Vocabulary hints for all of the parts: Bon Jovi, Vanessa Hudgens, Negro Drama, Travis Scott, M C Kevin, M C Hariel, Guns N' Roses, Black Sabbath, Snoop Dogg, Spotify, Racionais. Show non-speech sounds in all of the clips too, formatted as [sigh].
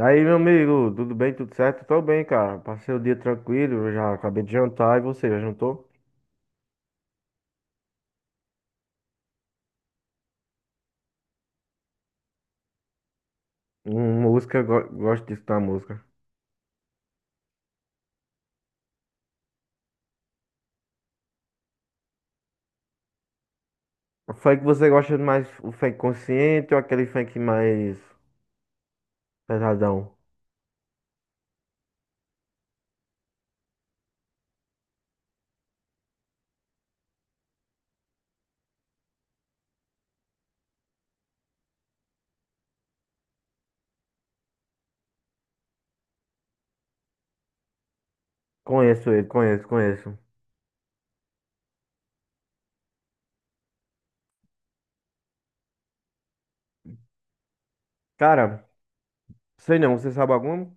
Aí, meu amigo, tudo bem, tudo certo? Tô bem, cara. Passei o dia tranquilo, já acabei de jantar e você, já jantou? Música, gosto disso da música. O funk você gosta mais, o funk consciente ou aquele funk mais pesadão? Conheço ele, conheço, conheço. Cara, sei não, você sabe algum?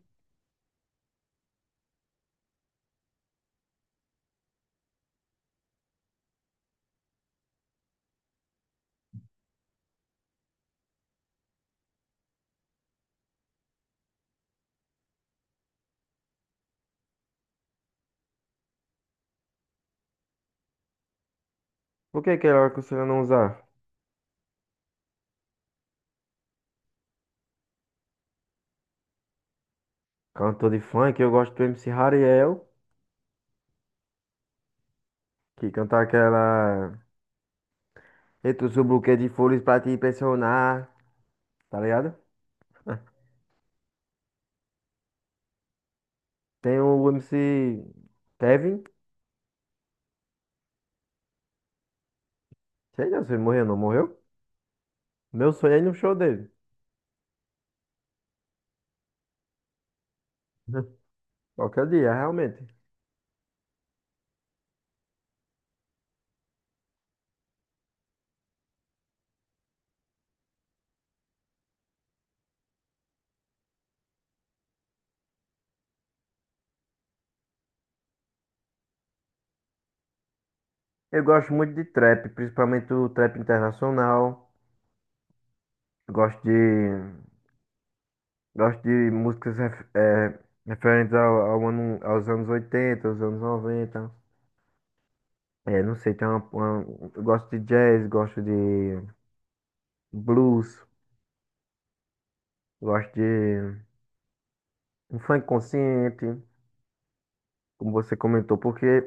Por que que ela aconselha não usar? Cantor de funk, eu gosto do MC Hariel, que canta aquela. Entre o seu buquê de flores pra te impressionar, tá ligado? Tem o MC Kevin. Sei não, se ele morreu ou não morreu. Meu sonho é ir no show dele. [laughs] Qualquer dia, realmente. Eu gosto muito de trap, principalmente o trap internacional. Gosto de, gosto de músicas referentes ao, ano, aos anos 80, aos anos 90. É, não sei, tem uma, eu gosto de jazz, gosto de blues, gosto de um funk consciente, como você comentou, porque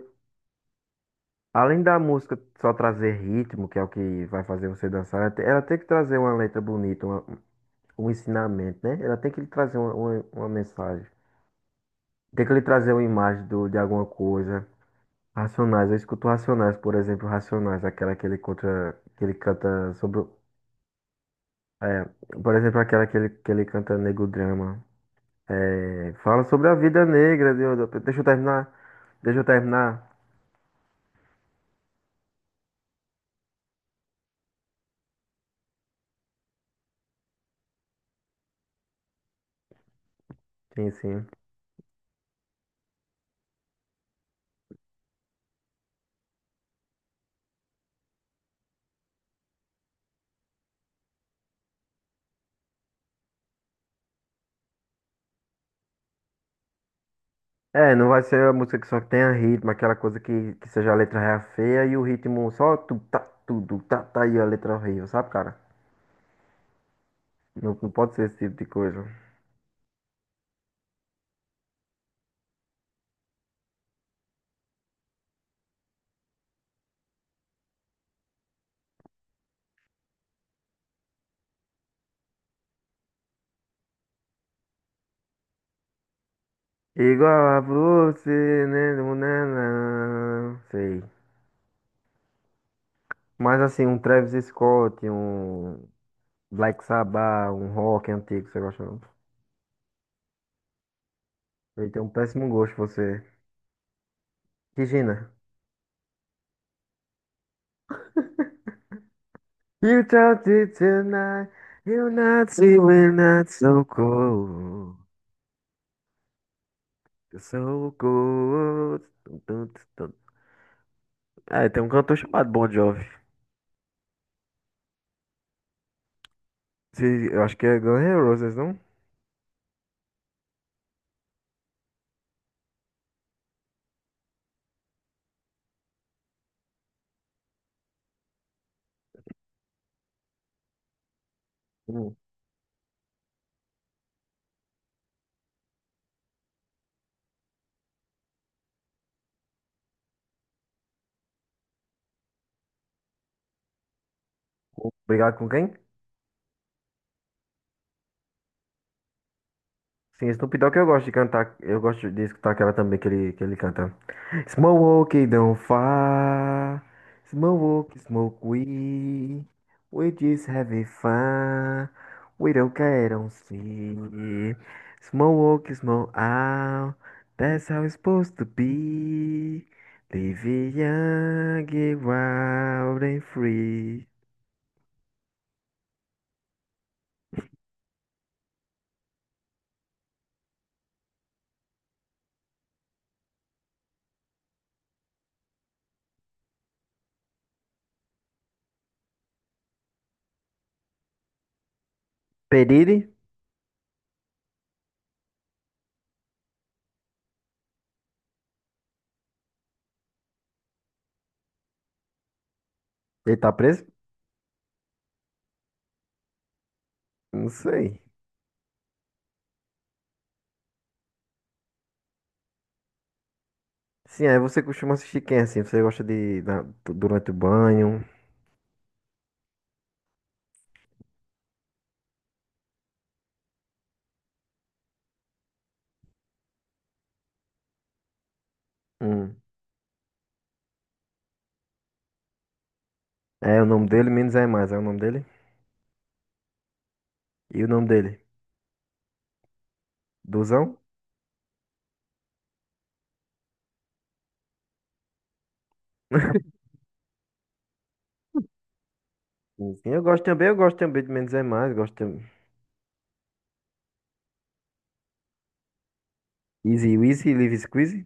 além da música só trazer ritmo, que é o que vai fazer você dançar, ela ela tem que trazer uma letra bonita, um ensinamento, né? Ela tem que lhe trazer uma mensagem. Tem que lhe trazer uma imagem de alguma coisa. Racionais, eu escuto Racionais, por exemplo, Racionais, aquela que ele conta, que ele canta sobre, é, por exemplo, aquela que ele canta Negro Drama. É, fala sobre a vida negra, deixa eu terminar, deixa eu terminar. Sim, sim. É, não vai ser a música que só tenha ritmo, aquela coisa que seja a letra ré feia e o ritmo só tu tá tudo tá tá e a letra horrível, sabe, cara? Não, não pode ser esse tipo de coisa. Igual a você, né, não, né, não, sei. Mas assim, um Travis Scott, um Black Sabbath, um rock antigo, você gosta não? Ele tem um péssimo gosto, você. Regina. You talk to tonight, you're not see we're not so cold. Eu sou good. Tum, tum, tum, tum. É, tem um cantor chamado Bon Jovi. Eu acho que é Guns N' Roses, não? Hum. Obrigado com quem? Sim, Snoop Dogg eu gosto de cantar. Eu gosto de escutar aquela também que ele canta. Smoke, don't fire. Smoke, smoke we. We just having fun. We don't care, don't see. Smoke, smoke out. That's how it's supposed to be. Live young, get wild and free. Pedire? Ele tá preso? Não sei. Sim, aí você costuma assistir quem assim? Você gosta durante o banho? Hum. É o nome dele, menos é mais. É o nome dele? E o nome dele? Duzão? Sim, sim. Eu gosto também de Menos é Mais, gosto também. Easy Wheezy, Live Squeezy?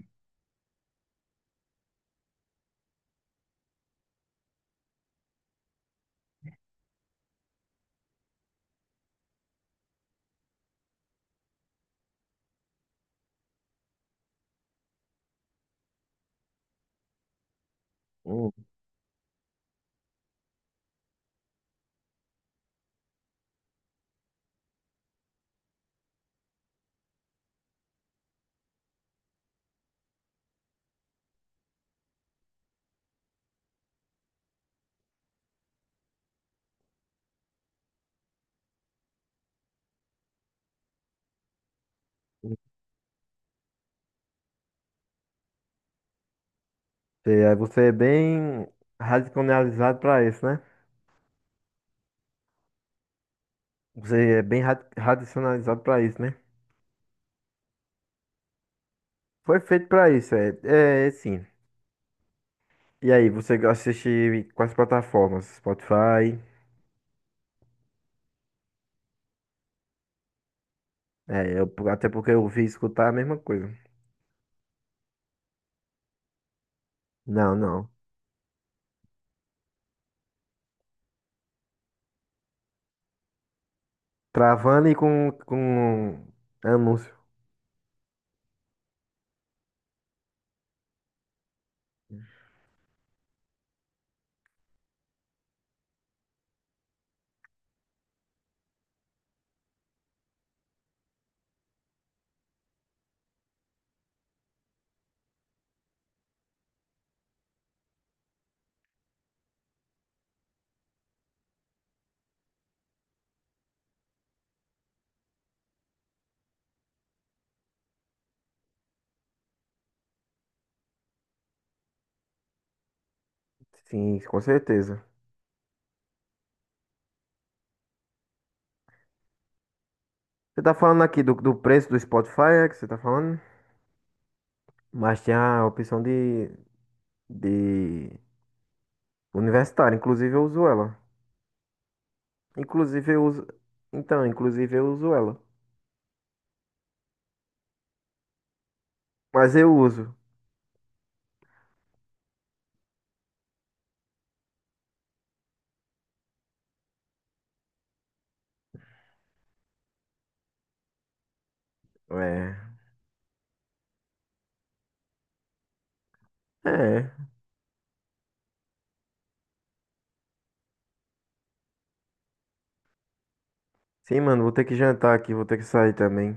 Hum. Sei, aí você é bem radicalizado pra isso, né? Você é bem radicionalizado pra isso, né? Foi feito pra isso, é, é, é sim. E aí, você assiste em quais plataformas? Spotify? É, eu, até porque eu ouvi escutar a mesma coisa. Não, não. Travando e com anúncio. Sim, com certeza. Você tá falando aqui do preço do Spotify, é que você tá falando? Mas tem a opção de universitário. Inclusive eu uso ela. Inclusive eu uso. Então, inclusive eu uso ela. Mas eu uso. É. É. Sim, mano, vou ter que jantar aqui, vou ter que sair também.